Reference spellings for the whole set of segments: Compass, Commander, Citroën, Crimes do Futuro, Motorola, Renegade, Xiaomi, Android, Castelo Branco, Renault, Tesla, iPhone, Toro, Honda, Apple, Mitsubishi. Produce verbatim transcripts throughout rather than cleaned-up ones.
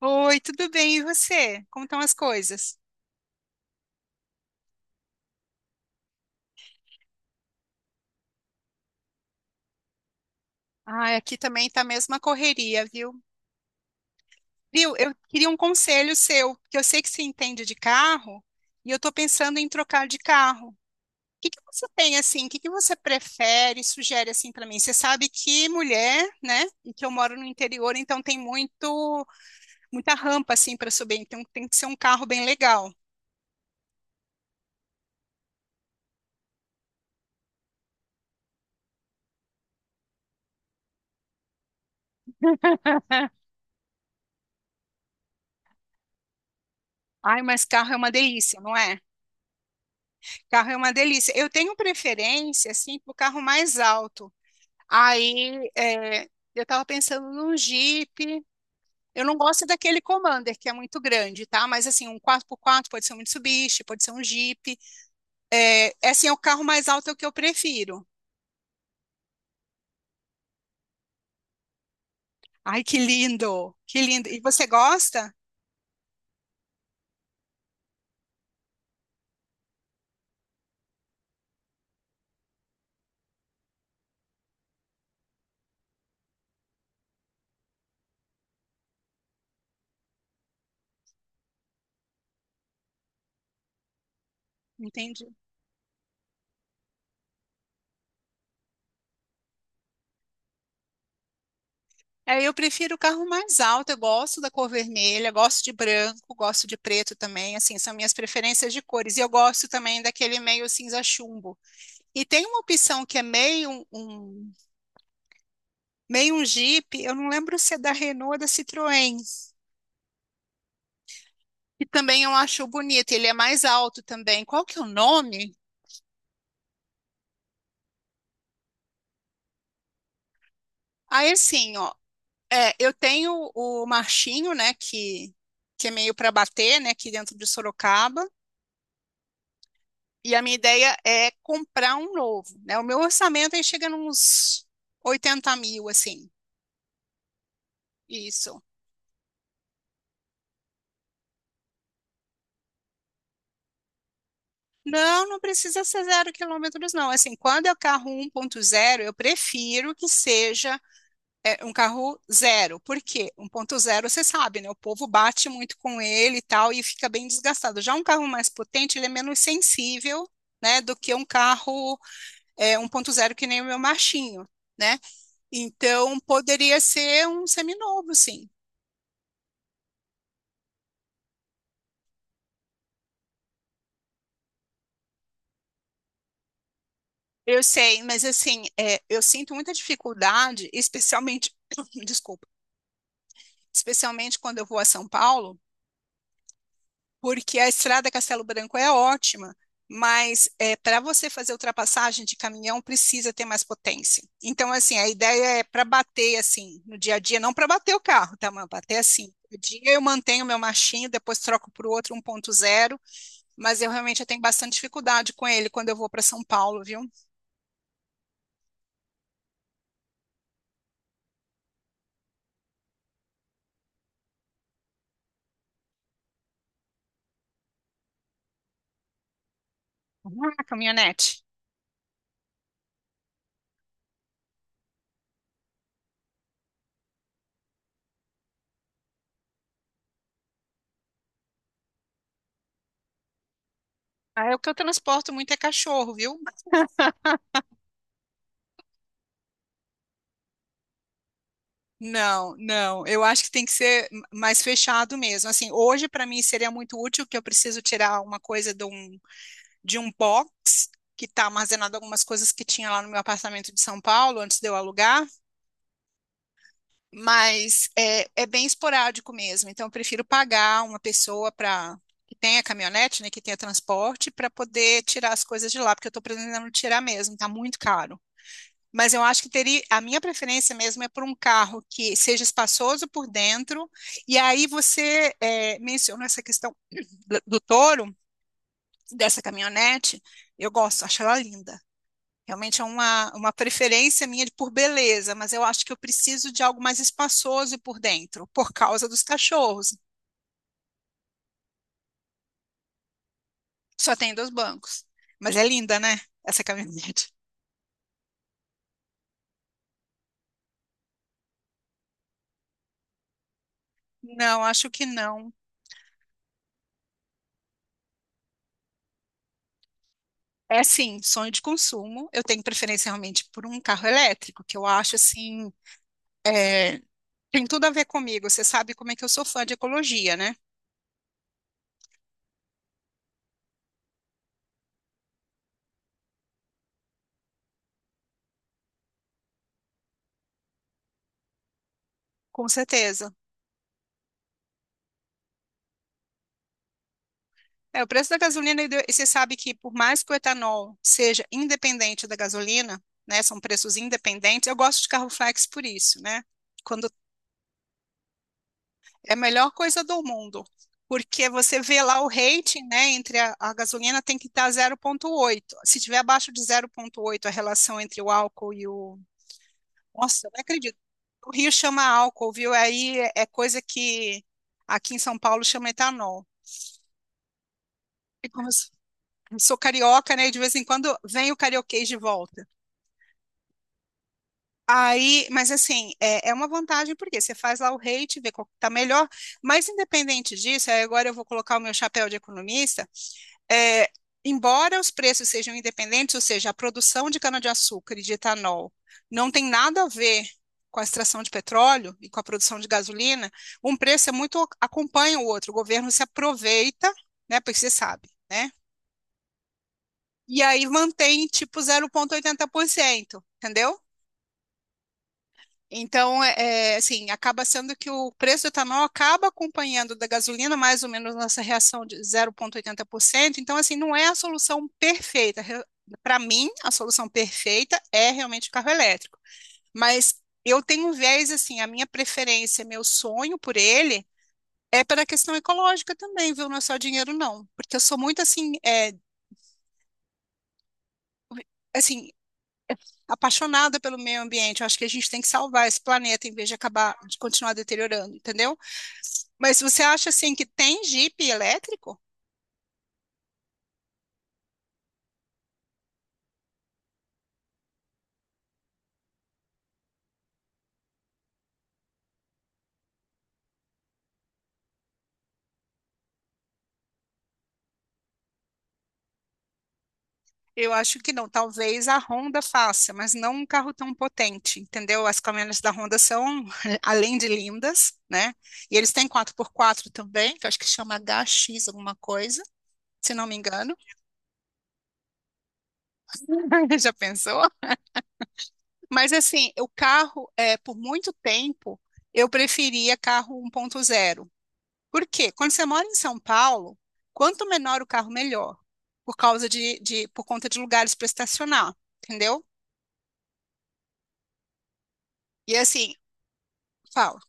Oi, tudo bem? E você? Como estão as coisas? Ah, aqui também tá a mesma correria, viu? Viu? Eu queria um conselho seu, porque eu sei que você entende de carro e eu tô pensando em trocar de carro. O que que você tem assim? O que que você prefere, sugere assim para mim? Você sabe que mulher, né? E que eu moro no interior, então tem muito muita rampa assim para subir, então tem que ser um carro bem legal. Ai, mas carro é uma delícia, não é? Carro é uma delícia. Eu tenho preferência, assim, para o carro mais alto. Aí é, eu estava pensando num Jeep. Eu não gosto daquele Commander, que é muito grande, tá? Mas assim, um quatro por quatro pode ser um Mitsubishi, pode ser um Jeep. É, é, assim, é o carro mais alto, é o que eu prefiro. Ai, que lindo! Que lindo! E você gosta? Entendi. É, eu prefiro o carro mais alto, eu gosto da cor vermelha, gosto de branco, gosto de preto também, assim, são minhas preferências de cores. E eu gosto também daquele meio cinza chumbo. E tem uma opção que é meio um, um meio um Jeep, eu não lembro se é da Renault ou da Citroën, que também eu acho bonito, ele é mais alto também. Qual que é o nome? Aí assim, ó, é, eu tenho o Marchinho, né, que, que é meio para bater, né, aqui dentro de Sorocaba, e a minha ideia é comprar um novo, né? O meu orçamento aí chega nos oitenta mil, assim, isso. Não, não precisa ser zero quilômetros, não. Assim, quando é o carro um ponto zero, eu prefiro que seja é um carro zero. Por quê? um ponto zero você sabe, né? O povo bate muito com ele e tal, e fica bem desgastado. Já um carro mais potente, ele é menos sensível, né? Do que um carro é, um ponto zero que nem o meu machinho, né? Então, poderia ser um seminovo, sim. Eu sei, mas assim, é, eu sinto muita dificuldade, especialmente, desculpa, especialmente quando eu vou a São Paulo, porque a estrada Castelo Branco é ótima, mas é para você fazer ultrapassagem de caminhão precisa ter mais potência. Então, assim, a ideia é para bater assim no dia a dia, não para bater o carro, tá? Mas bater assim. No dia eu mantenho meu machinho, depois troco para o outro um ponto zero, mas eu realmente eu tenho bastante dificuldade com ele quando eu vou para São Paulo, viu? Ah, caminhonete. Ah, é o que eu transporto muito é cachorro, viu? Não, não. Eu acho que tem que ser m- mais fechado mesmo. Assim, hoje para mim seria muito útil que eu preciso tirar uma coisa de um de um box que está armazenado algumas coisas que tinha lá no meu apartamento de São Paulo antes de eu alugar, mas é, é bem esporádico mesmo. Então eu prefiro pagar uma pessoa para que tenha caminhonete, né, que tenha transporte para poder tirar as coisas de lá, porque eu estou precisando tirar mesmo. Está muito caro. Mas eu acho que teria, a minha preferência mesmo é por um carro que seja espaçoso por dentro. E aí você é, mencionou essa questão do, do Toro, dessa caminhonete. Eu gosto, acho ela linda. Realmente é uma, uma preferência minha de- por beleza, mas eu acho que eu preciso de algo mais espaçoso por dentro, por causa dos cachorros. Só tem dois bancos. Mas é linda, né? Essa caminhonete. Não, acho que não. É assim, sonho de consumo. Eu tenho preferência realmente por um carro elétrico, que eu acho assim, é, tem tudo a ver comigo. Você sabe como é que eu sou fã de ecologia, né? Com certeza. É, o preço da gasolina, e do- e você sabe que por mais que o etanol seja independente da gasolina, né, são preços independentes, eu gosto de carro flex por isso, né? Quando é a melhor coisa do mundo, porque você vê lá o rating, né, entre a, a gasolina tem que estar zero vírgula oito. Se tiver abaixo de zero vírgula oito, a relação entre o álcool e o. Nossa, eu não acredito. O Rio chama álcool, viu? Aí é é coisa que aqui em São Paulo chama etanol. E como eu sou sou carioca, né? De vez em quando vem o carioquês de volta. Aí, mas assim, é, é uma vantagem porque você faz lá o rate, vê qual que tá melhor. Mas independente disso, aí agora eu vou colocar o meu chapéu de economista. é, embora os preços sejam independentes, ou seja, a produção de cana-de-açúcar e de etanol não tem nada a ver com a extração de petróleo e com a produção de gasolina, um preço é muito acompanha o outro. O governo se aproveita, né, porque você sabe, né? E aí mantém tipo zero vírgula oitenta por cento, entendeu? Então, é, é, assim, acaba sendo que o preço do etanol acaba acompanhando da gasolina, mais ou menos nessa reação de zero vírgula oitenta por cento. Então, assim, não é a solução perfeita. Para mim, a solução perfeita é realmente o carro elétrico. Mas eu tenho um viés, assim, a minha preferência, meu sonho por ele é pela questão ecológica também, viu? Não é só dinheiro, não. Porque eu sou muito, assim, é, assim, apaixonada pelo meio ambiente. Eu acho que a gente tem que salvar esse planeta em vez de acabar, de continuar deteriorando, entendeu? Mas você acha assim que tem Jeep elétrico? Eu acho que não. Talvez a Honda faça, mas não um carro tão potente, entendeu? As caminhonetes da Honda são, além de lindas, né? E eles têm quatro por quatro também, que eu acho que chama H X alguma coisa, se não me engano. Já pensou? Mas assim, o carro, é, por muito tempo, eu preferia carro um ponto zero. Por quê? Quando você mora em São Paulo, quanto menor o carro, melhor, por causa de, de por conta de lugares para estacionar, entendeu? E assim, fala.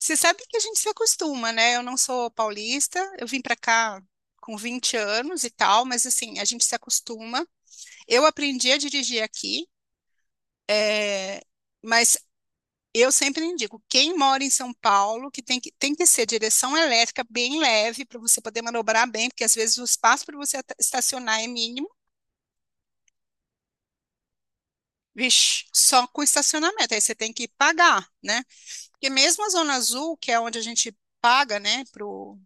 Você sabe que a gente se acostuma, né? Eu não sou paulista, eu vim para cá com vinte anos e tal, mas assim, a gente se acostuma. Eu aprendi a dirigir aqui, é, mas eu sempre indico, quem mora em São Paulo, que tem que, tem que ser direção elétrica bem leve para você poder manobrar bem, porque às vezes o espaço para você estacionar é mínimo. Vixe, só com estacionamento, aí você tem que pagar, né? Porque mesmo a Zona Azul, que é onde a gente paga, né, pro,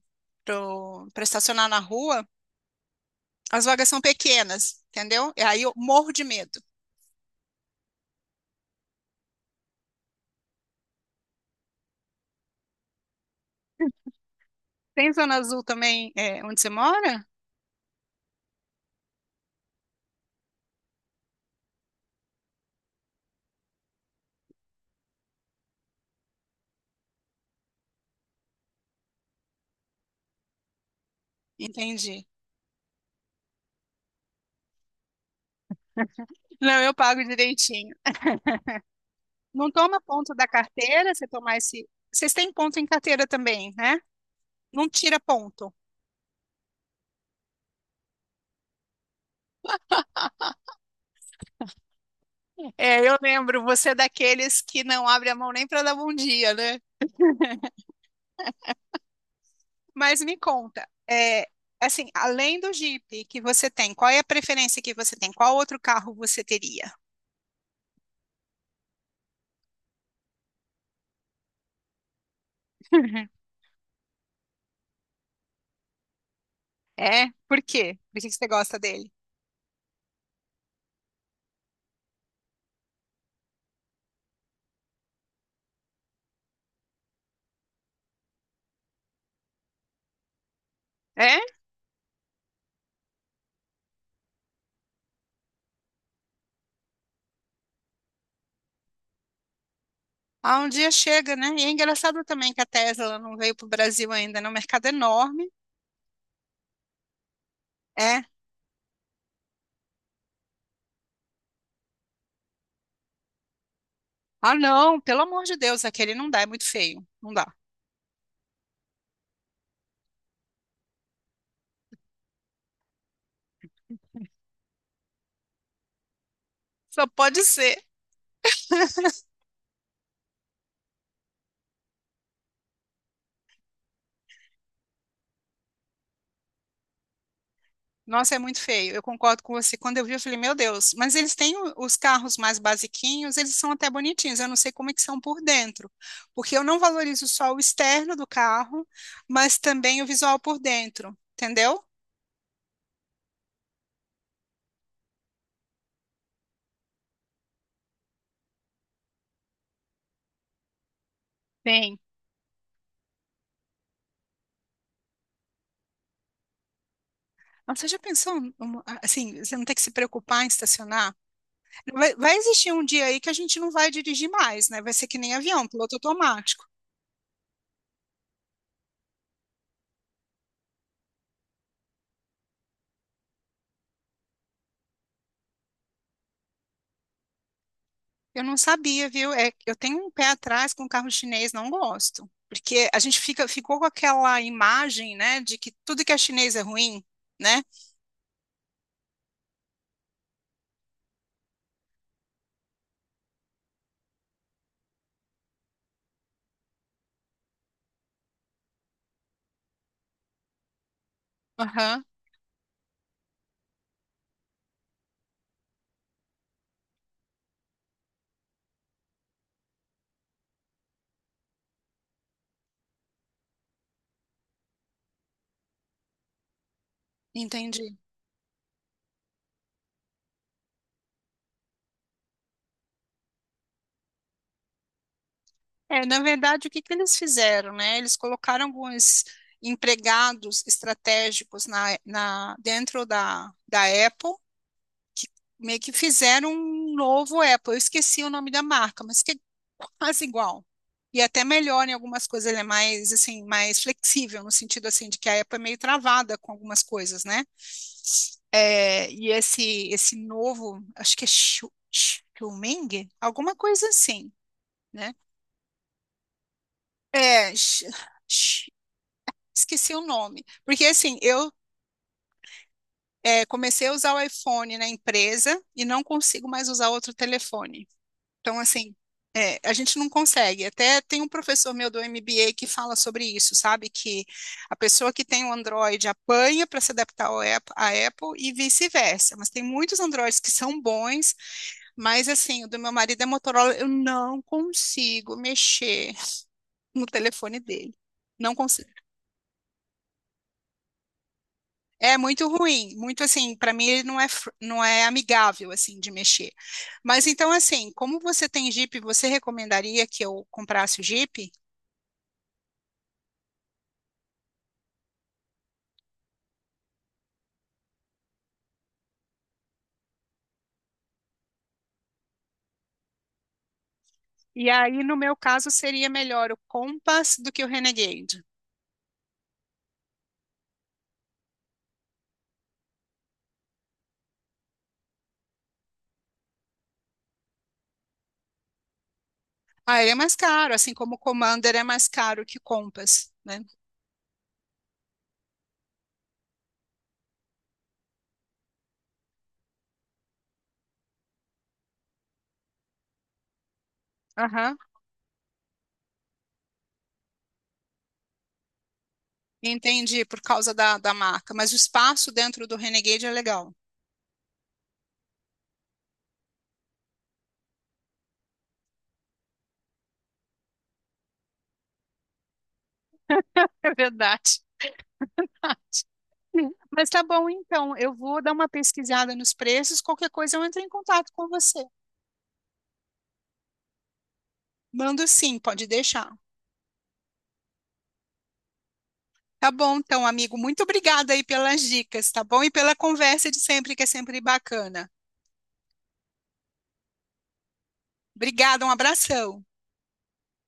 pro, para estacionar na rua, as vagas são pequenas, entendeu? E aí eu morro de medo. Tem Zona Azul também, é, onde você mora? Entendi. Não, eu pago direitinho. Não toma ponto da carteira, você tomar esse. Vocês têm ponto em carteira também, né? Não tira ponto. É, eu lembro, você é daqueles que não abre a mão nem para dar bom dia, né? Mas me conta, é, assim, além do Jeep que você tem, qual é a preferência que você tem? Qual outro carro você teria? É? Por quê? Por que que você gosta dele? É? Ah, um dia chega, né? E é engraçado também que a Tesla não veio para o Brasil ainda, né? Um mercado é enorme. É. Ah, não, pelo amor de Deus, aquele não dá, é muito feio. Não dá. Só pode ser. Nossa, é muito feio. Eu concordo com você. Quando eu vi, eu falei, meu Deus, mas eles têm o- os carros mais basiquinhos, eles são até bonitinhos. Eu não sei como é que são por dentro, porque eu não valorizo só o externo do carro, mas também o visual por dentro, entendeu? Bem, mas você já pensou, numa- assim, você não tem que se preocupar em estacionar? Vai, vai existir um dia aí que a gente não vai dirigir mais, né? Vai ser que nem avião, piloto automático. Eu não sabia, viu? É, eu tenho um pé atrás com carro chinês, não gosto. Porque a gente fica, ficou com aquela imagem, né, de que tudo que é chinês é ruim, né? Aham, entendi. É, na verdade, o que que eles fizeram, né? Eles colocaram alguns empregados estratégicos na, na, dentro da, da Apple que meio que fizeram um novo Apple. Eu esqueci o nome da marca, mas que é quase igual. E até melhor em algumas coisas, ele é mais assim, mais flexível, no sentido assim, de que a Apple é meio travada com algumas coisas, né? É, e esse, esse novo, acho que é Xiu- Xiaoming, alguma coisa assim, né? É, X- X- esqueci o nome. Porque assim, eu é, comecei a usar o iPhone na empresa e não consigo mais usar outro telefone. Então, assim, é, a gente não consegue. Até tem um professor meu do M B A que fala sobre isso, sabe? Que a pessoa que tem o Android apanha para se adaptar ao Apple, à Apple e vice-versa. Mas tem muitos Androids que são bons, mas assim, o do meu marido é Motorola, eu não consigo mexer no telefone dele. Não consigo. É muito ruim, muito assim, para mim ele não é, fr- não é amigável assim de mexer. Mas então assim, como você tem Jeep, você recomendaria que eu comprasse o Jeep? E aí, no meu caso, seria melhor o Compass do que o Renegade. Ah, ele é mais caro, assim como o Commander é mais caro que o Compass, né? Aham. Entendi, por causa da, da marca. Mas o espaço dentro do Renegade é legal. É verdade. Mas tá bom, então. Eu vou dar uma pesquisada nos preços. Qualquer coisa eu entro em contato com você. Mando sim, pode deixar. Tá bom, então, amigo. Muito obrigada aí pelas dicas, tá bom? E pela conversa de sempre, que é sempre bacana. Obrigada, um abração.